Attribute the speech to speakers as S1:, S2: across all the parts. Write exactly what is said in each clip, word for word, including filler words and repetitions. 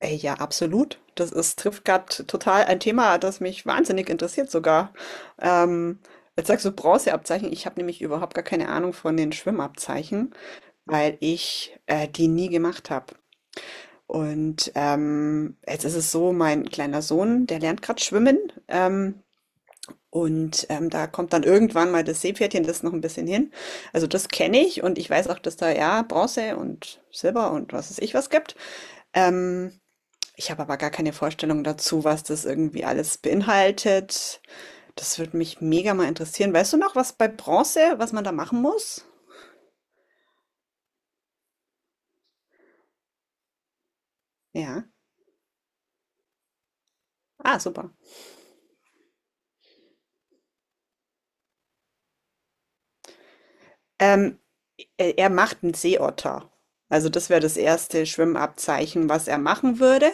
S1: Ey, ja, absolut. Das ist, trifft gerade total ein Thema, das mich wahnsinnig interessiert sogar. Ähm, jetzt sagst du Bronzeabzeichen. Ich habe nämlich überhaupt gar keine Ahnung von den Schwimmabzeichen, weil ich äh, die nie gemacht habe. Und ähm, jetzt ist es so, mein kleiner Sohn, der lernt gerade schwimmen. Ähm, und ähm, da kommt dann irgendwann mal das Seepferdchen, das ist noch ein bisschen hin. Also das kenne ich und ich weiß auch, dass da ja Bronze und Silber und was weiß ich was gibt. Ähm, ich habe aber gar keine Vorstellung dazu, was das irgendwie alles beinhaltet. Das würde mich mega mal interessieren. Weißt du noch, was bei Bronze, was man da machen muss? Ja. Ah, super. Ähm, er, er macht einen Seeotter. Also das wäre das erste Schwimmabzeichen, was er machen würde.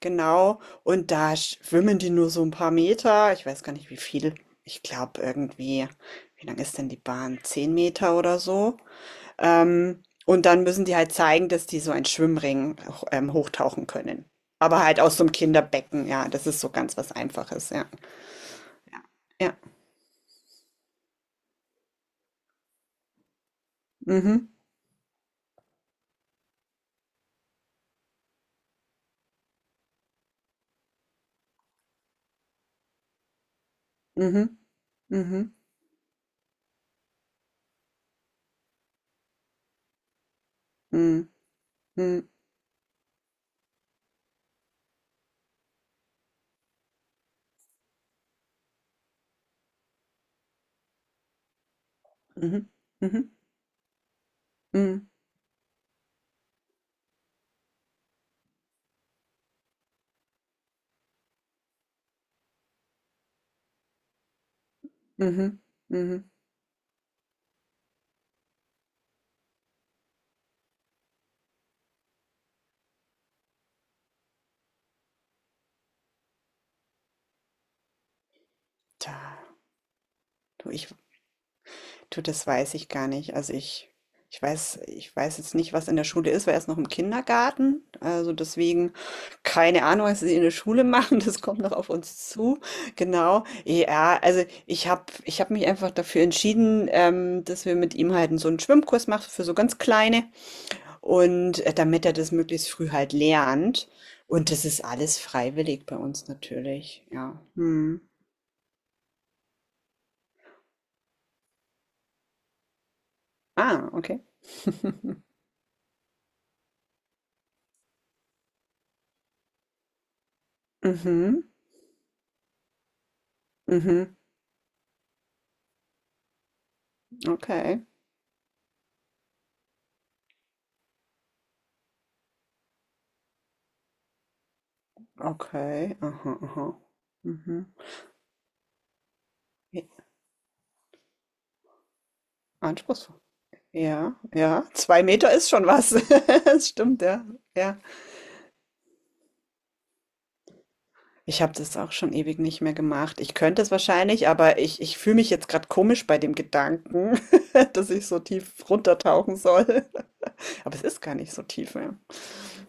S1: Genau. Und da schwimmen die nur so ein paar Meter. Ich weiß gar nicht, wie viel. Ich glaube irgendwie, wie lang ist denn die Bahn? Zehn Meter oder so. Ähm, und dann müssen die halt zeigen, dass die so einen Schwimmring auch, ähm, hochtauchen können. Aber halt aus so einem Kinderbecken, ja, das ist so ganz was Einfaches, ja. Ja. Ja. Mhm. Mhm. Mhm. Mhm. Mhm. Mhm. Mhm. Mhm. Mhm. Mhm. Tja, du, ich Du, das weiß ich gar nicht. Also ich ich weiß ich weiß jetzt nicht, was in der Schule ist, weil er ist noch im Kindergarten. Also deswegen keine Ahnung, was sie in der Schule machen. Das kommt noch auf uns zu. Genau. Ja, also ich habe ich habe mich einfach dafür entschieden, ähm, dass wir mit ihm halt so einen Schwimmkurs machen für so ganz Kleine und äh, damit er das möglichst früh halt lernt. Und das ist alles freiwillig bei uns natürlich. Ja. Hm. Ah, okay. Mhm. Mhm. Okay. Okay, aha, aha. Mhm. J Anspruchsvoll. Ja, ja, zwei Meter ist schon was. Das stimmt, ja, ja. Ich habe das auch schon ewig nicht mehr gemacht. Ich könnte es wahrscheinlich, aber ich ich fühle mich jetzt gerade komisch bei dem Gedanken, dass ich so tief runtertauchen soll. Aber es ist gar nicht so tief, ja.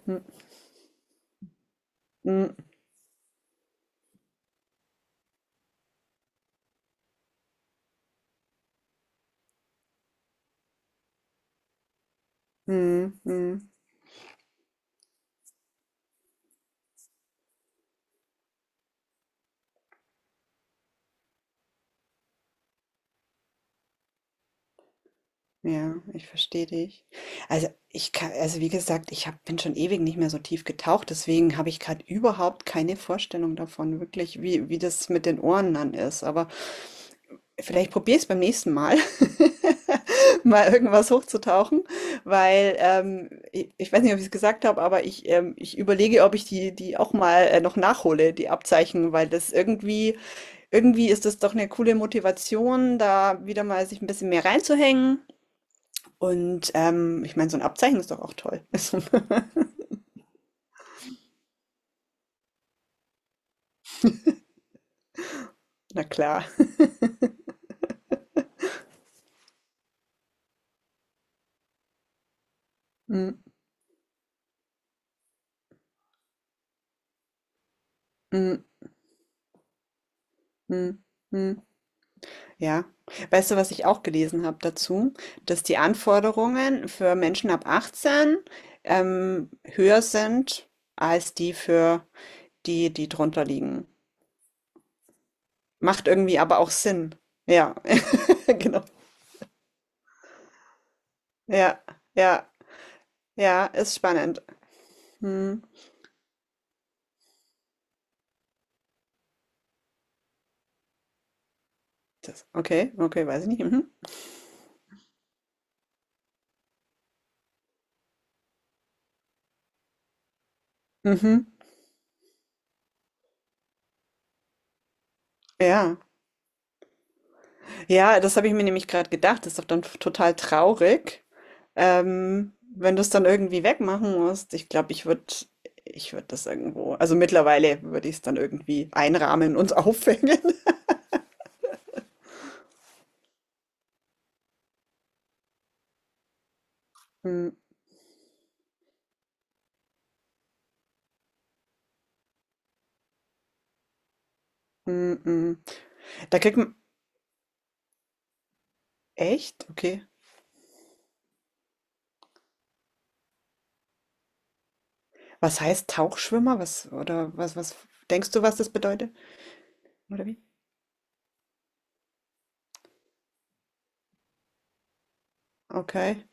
S1: Mhm. Mhm. Mhm. Mhm. Ja, ich verstehe dich. Also ich kann, also wie gesagt, ich hab, bin schon ewig nicht mehr so tief getaucht, deswegen habe ich gerade überhaupt keine Vorstellung davon, wirklich, wie, wie das mit den Ohren dann ist. Aber vielleicht probiere ich es beim nächsten Mal, mal irgendwas hochzutauchen, weil ähm, ich, ich weiß nicht, ob ich es gesagt habe, aber ich, ähm, ich überlege, ob ich die, die auch mal äh, noch nachhole, die Abzeichen, weil das irgendwie, irgendwie ist das doch eine coole Motivation, da wieder mal sich ein bisschen mehr reinzuhängen. Und ähm, ich meine, so ein Abzeichen ist doch auch toll. Na klar. Mhm, mhm, mhm, mhm. Ja. Weißt du, was ich auch gelesen habe dazu? Dass die Anforderungen für Menschen ab achtzehn, ähm, höher sind als die für die, die drunter liegen. Macht irgendwie aber auch Sinn. Ja, genau. Ja, ja, ja, ist spannend. Mhm. Das okay, okay, weiß ich nicht. Mhm. Mhm. Ja. Ja, das habe ich mir nämlich gerade gedacht. Das ist doch dann f- total traurig, ähm, wenn du es dann irgendwie wegmachen musst. Ich glaube, ich würde, ich würde das irgendwo, also mittlerweile würde ich es dann irgendwie einrahmen und aufhängen. Mm, mm, mm. Da kriegt man, echt? Okay. Was heißt Tauchschwimmer? Was, oder was, was, denkst du, was das bedeutet? Oder wie? Okay.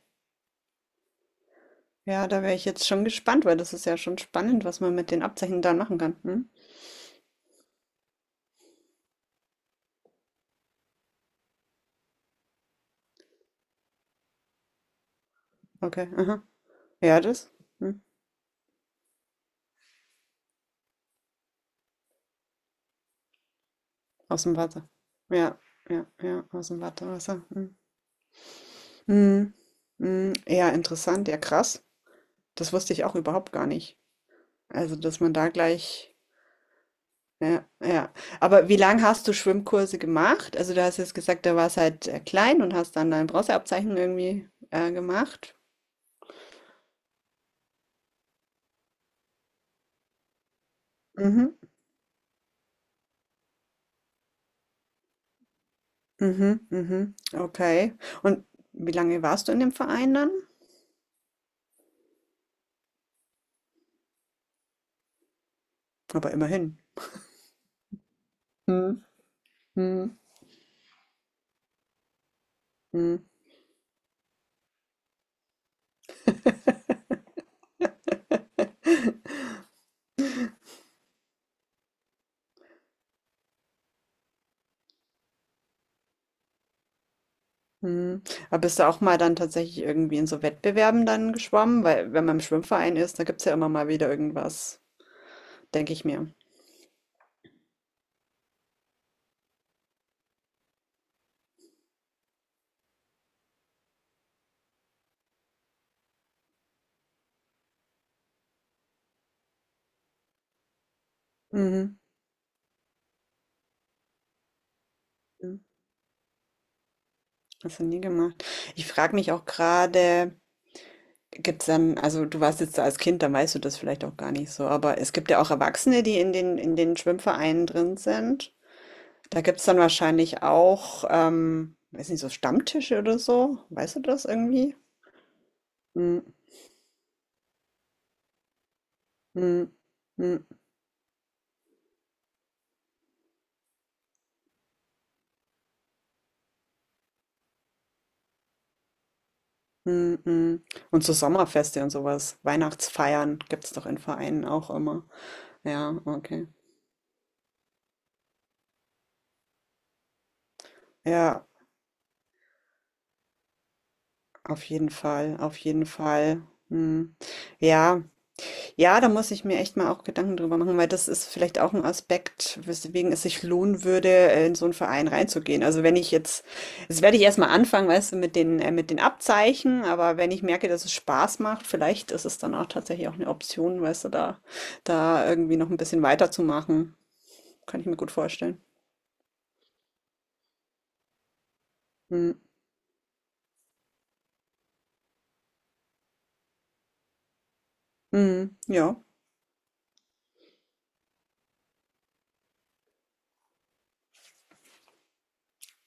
S1: Ja, da wäre ich jetzt schon gespannt, weil das ist ja schon spannend, was man mit den Abzeichen dann machen kann. Hm? Okay, aha. Ja, das. Hm. Aus dem Wasser. Ja, ja, ja, aus'm Wartewasser. Mhm. Mhm. Mhm. Ja, interessant, ja krass. Das wusste ich auch überhaupt gar nicht. Also, dass man da gleich ja, ja. Aber wie lang hast du Schwimmkurse gemacht? Also, du hast jetzt gesagt, da warst halt, äh, klein und hast dann dein Bronzeabzeichen irgendwie, äh, gemacht. Mhm. Mhm, mhm. Okay. Und wie lange warst du in dem Verein dann? Aber immerhin. Mhm. Mhm. Mhm. Hm. Aber bist du auch mal dann tatsächlich irgendwie in so Wettbewerben dann geschwommen? Weil wenn man im Schwimmverein ist, da gibt es ja immer mal wieder irgendwas, denke ich mir. Mhm. Mhm. Hast du nie gemacht. Ich frage mich auch gerade, gibt es dann, also du warst jetzt da als Kind, dann weißt du das vielleicht auch gar nicht so, aber es gibt ja auch Erwachsene, die in den, in den Schwimmvereinen drin sind. Da gibt es dann wahrscheinlich auch, ähm, weiß nicht, so Stammtische oder so. Weißt du das irgendwie? Mhm. Mhm. Mm, mm. Und so Sommerfeste und sowas, Weihnachtsfeiern gibt es doch in Vereinen auch immer. Ja, okay. Ja, auf jeden Fall, auf jeden Fall. Mm. Ja, ja, da muss ich mir echt mal auch Gedanken drüber machen, weil das ist vielleicht auch ein Aspekt, weswegen es sich lohnen würde, äh, in so einen Verein reinzugehen. Also wenn ich jetzt, das werde ich erstmal anfangen, weißt du, mit den, äh, mit den Abzeichen, aber wenn ich merke, dass es Spaß macht, vielleicht ist es dann auch tatsächlich auch eine Option, weißt du, da, da irgendwie noch ein bisschen weiterzumachen. Kann ich mir gut vorstellen. Mhm. Mhm. Ja,